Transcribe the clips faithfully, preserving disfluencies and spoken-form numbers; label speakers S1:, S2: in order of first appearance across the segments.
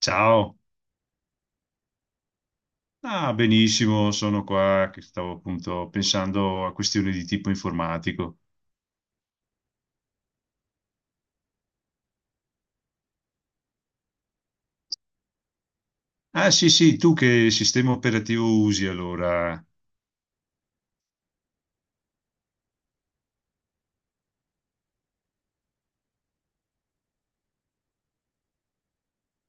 S1: Ciao. Ah, benissimo, sono qua che stavo appunto pensando a questioni di tipo informatico. Ah sì sì, tu che sistema operativo usi allora?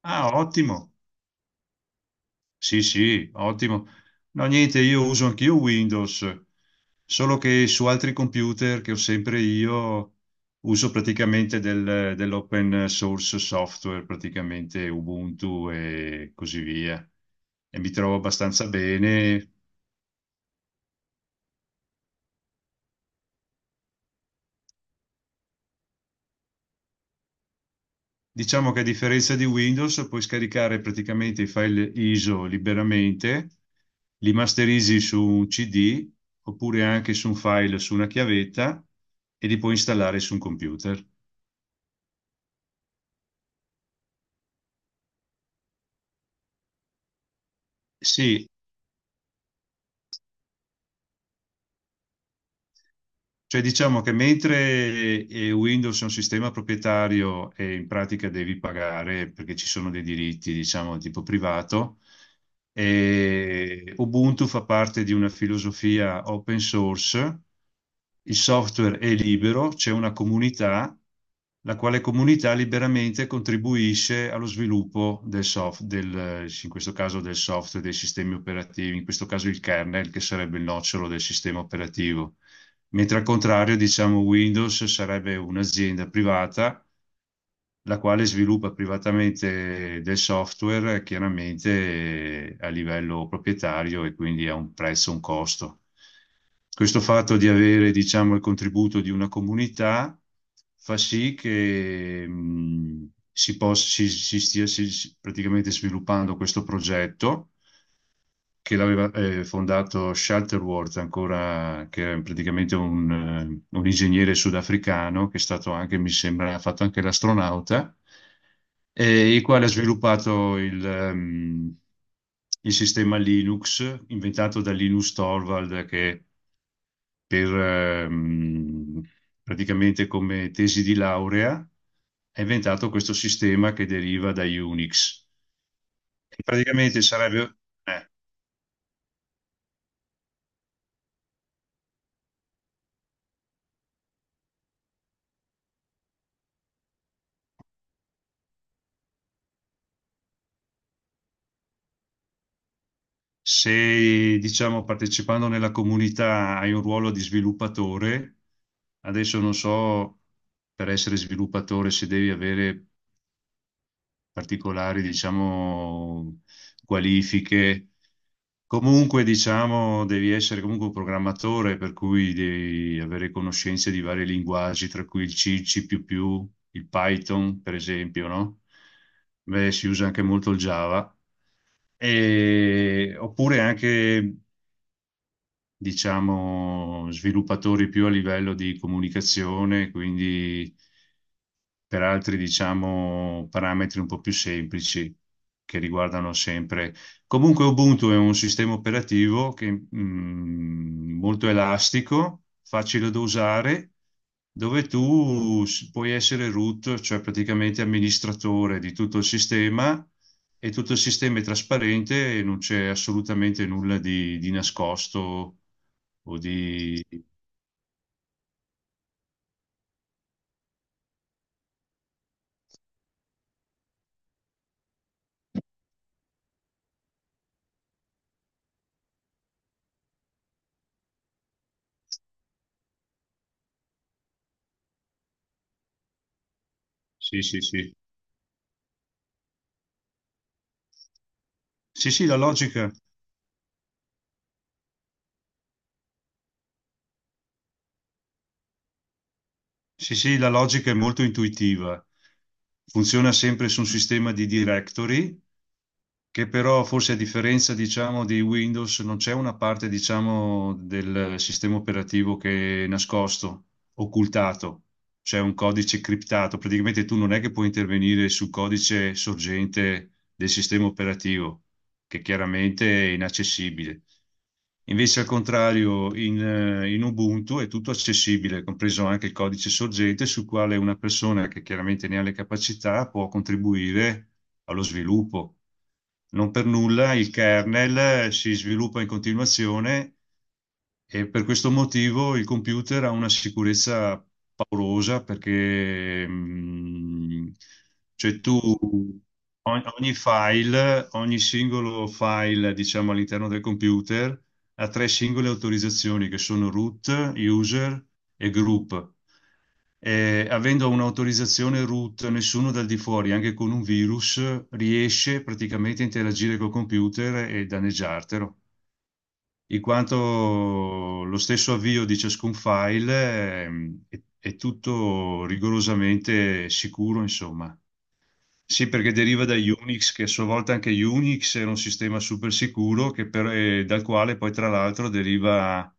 S1: Ah, ottimo, sì sì, ottimo. No niente, io uso anch'io Windows, solo che su altri computer che ho sempre io uso praticamente del- dell'open source software, praticamente Ubuntu e così via. E mi trovo abbastanza bene. Diciamo che a differenza di Windows puoi scaricare praticamente i file I S O liberamente, li masterizzi su un C D oppure anche su un file su una chiavetta e li puoi installare su un computer. Sì. Cioè diciamo che mentre eh, Windows è un sistema proprietario e in pratica devi pagare perché ci sono dei diritti, diciamo, tipo privato, e Ubuntu fa parte di una filosofia open source, il software è libero, c'è una comunità, la quale comunità liberamente contribuisce allo sviluppo del software, del, in questo caso del software, dei sistemi operativi, in questo caso il kernel, che sarebbe il nocciolo del sistema operativo. Mentre al contrario, diciamo, Windows sarebbe un'azienda privata la quale sviluppa privatamente del software, eh, chiaramente, eh, a livello proprietario e quindi a un prezzo, un costo. Questo fatto di avere, diciamo, il contributo di una comunità fa sì che mh, si possa, si, si stia, si- si- praticamente sviluppando questo progetto che l'aveva eh, fondato Shuttleworth, ancora, che è praticamente un, eh, un ingegnere sudafricano, che è stato anche, mi sembra, ha fatto anche l'astronauta, eh, il quale ha sviluppato il, ehm, il sistema Linux, inventato da Linus Torvald, che per, ehm, praticamente come tesi di laurea ha inventato questo sistema che deriva da Unix. E praticamente sarebbe. eh, Se, diciamo, partecipando nella comunità hai un ruolo di sviluppatore, adesso non so per essere sviluppatore se devi avere particolari, diciamo, qualifiche. Comunque, diciamo, devi essere comunque un programmatore, per cui devi avere conoscenze di vari linguaggi, tra cui il C, il C++, più più, il Python, per esempio, no? Beh, si usa anche molto il Java. E- oppure anche, diciamo, sviluppatori più a livello di comunicazione, quindi per altri, diciamo, parametri un po' più semplici che riguardano sempre. Comunque Ubuntu è un sistema operativo che, mh, molto elastico, facile da usare, dove tu s- puoi essere root, cioè praticamente amministratore di tutto il sistema, e tutto il sistema è trasparente e non c'è assolutamente nulla di, di nascosto o di. Sì, sì, sì. Sì, sì, la logica. Sì, sì, la logica è molto intuitiva. Funziona sempre su un sistema di directory, che però forse a differenza, diciamo, di Windows non c'è una parte, diciamo, del sistema operativo che è nascosto, occultato. C'è un codice criptato. Praticamente tu non è che puoi intervenire sul codice sorgente del sistema operativo, che chiaramente è inaccessibile. Invece, al contrario, in, eh, in Ubuntu è tutto accessibile, compreso anche il codice sorgente, sul quale una persona che chiaramente ne ha le capacità può contribuire allo sviluppo. Non per nulla il kernel eh, si sviluppa in continuazione e per questo motivo il computer ha una sicurezza paurosa perché mh, cioè tu ogni, ogni file, ogni singolo file, diciamo, all'interno del computer ha tre singole autorizzazioni che sono root, user e group. E avendo un'autorizzazione root, nessuno dal di fuori, anche con un virus, riesce praticamente a interagire col computer e danneggiartelo, in quanto lo stesso avvio di ciascun file ehm, è, è tutto rigorosamente sicuro, insomma. Sì, perché deriva da Unix, che a sua volta anche Unix era un sistema super sicuro, che per- eh, dal quale poi tra l'altro deriva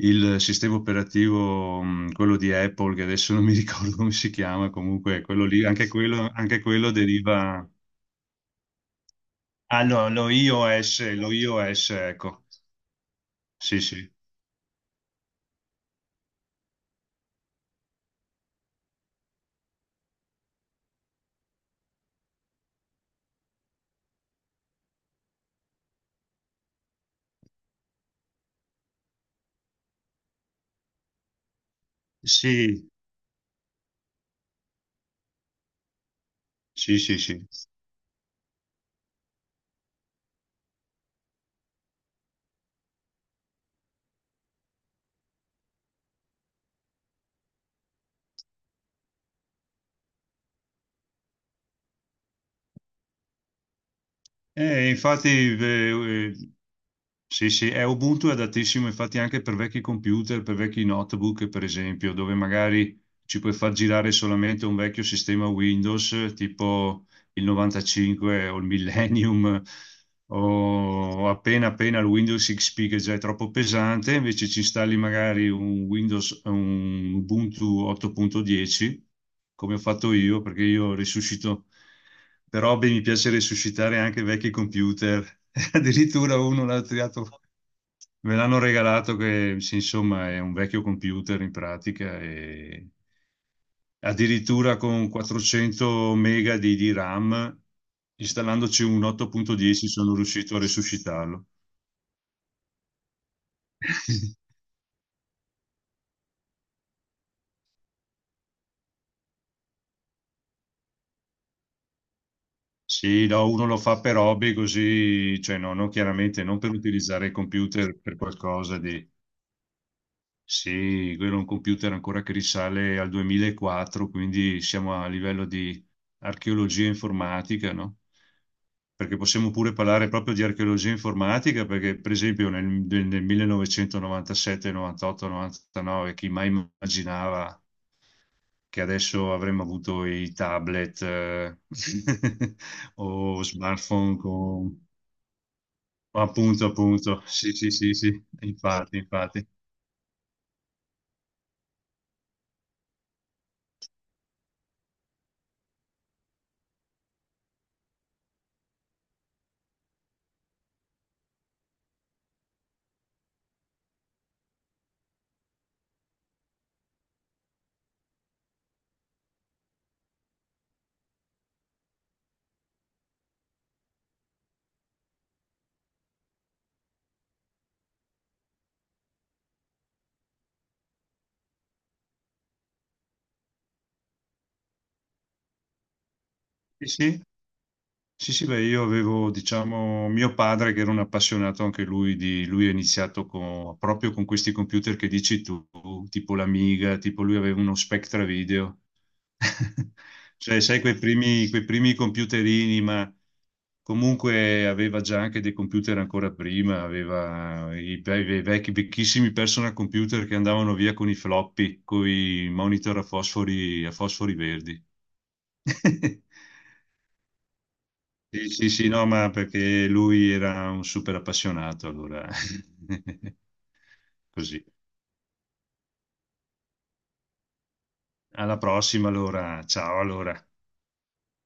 S1: il sistema operativo, mh, quello di Apple, che adesso non mi ricordo come si chiama, comunque quello lì, anche quello, anche quello deriva. Ah, no, lo iOS, lo iOS, ecco. Sì, sì. Sì, sì, sì, sì. Eh, infatti, eh, eh, sì, sì, è Ubuntu è adattissimo infatti anche per vecchi computer, per vecchi notebook, per esempio, dove magari ci puoi far girare solamente un vecchio sistema Windows, eh, tipo il novantacinque o il Millennium o appena appena il Windows X P, che già è troppo pesante; invece ci installi magari un Windows, un Ubuntu otto punto dieci, come ho fatto io, perché io risuscito, per hobby mi piace risuscitare anche vecchi computer. Addirittura uno l'ha tirato. Me l'hanno regalato che, sì, insomma, è un vecchio computer in pratica, e addirittura con quattrocento mega di, di RAM, installandoci un otto punto dieci, sono riuscito a resuscitarlo. Sì, no, uno lo fa per hobby così, cioè no, no, chiaramente non per utilizzare il computer per qualcosa di. Sì, quello è un computer ancora che risale al duemilaquattro, quindi siamo a livello di archeologia informatica, no? Perché possiamo pure parlare proprio di archeologia informatica, perché per esempio nel, nel millenovecentonovantasette, novantotto, novantanove, chi mai immaginava che adesso avremmo avuto i tablet eh, o smartphone con. Appunto, appunto, sì, sì, sì, sì, infatti, infatti. Sì, sì, sì, sì, beh, io avevo, diciamo, mio padre che era un appassionato anche lui di, lui ha iniziato con- proprio con questi computer che dici tu, tipo l'Amiga, tipo lui aveva uno Spectra Video. Cioè, sai, quei primi, quei primi computerini, ma comunque aveva già anche dei computer ancora prima, aveva i, ve- ve- vecchi, vecchissimi personal computer che andavano via con i floppy, con i monitor a fosfori, a fosfori, verdi. Sì, sì, sì, no, ma perché lui era un super appassionato, allora così. Alla prossima, allora. Ciao, allora.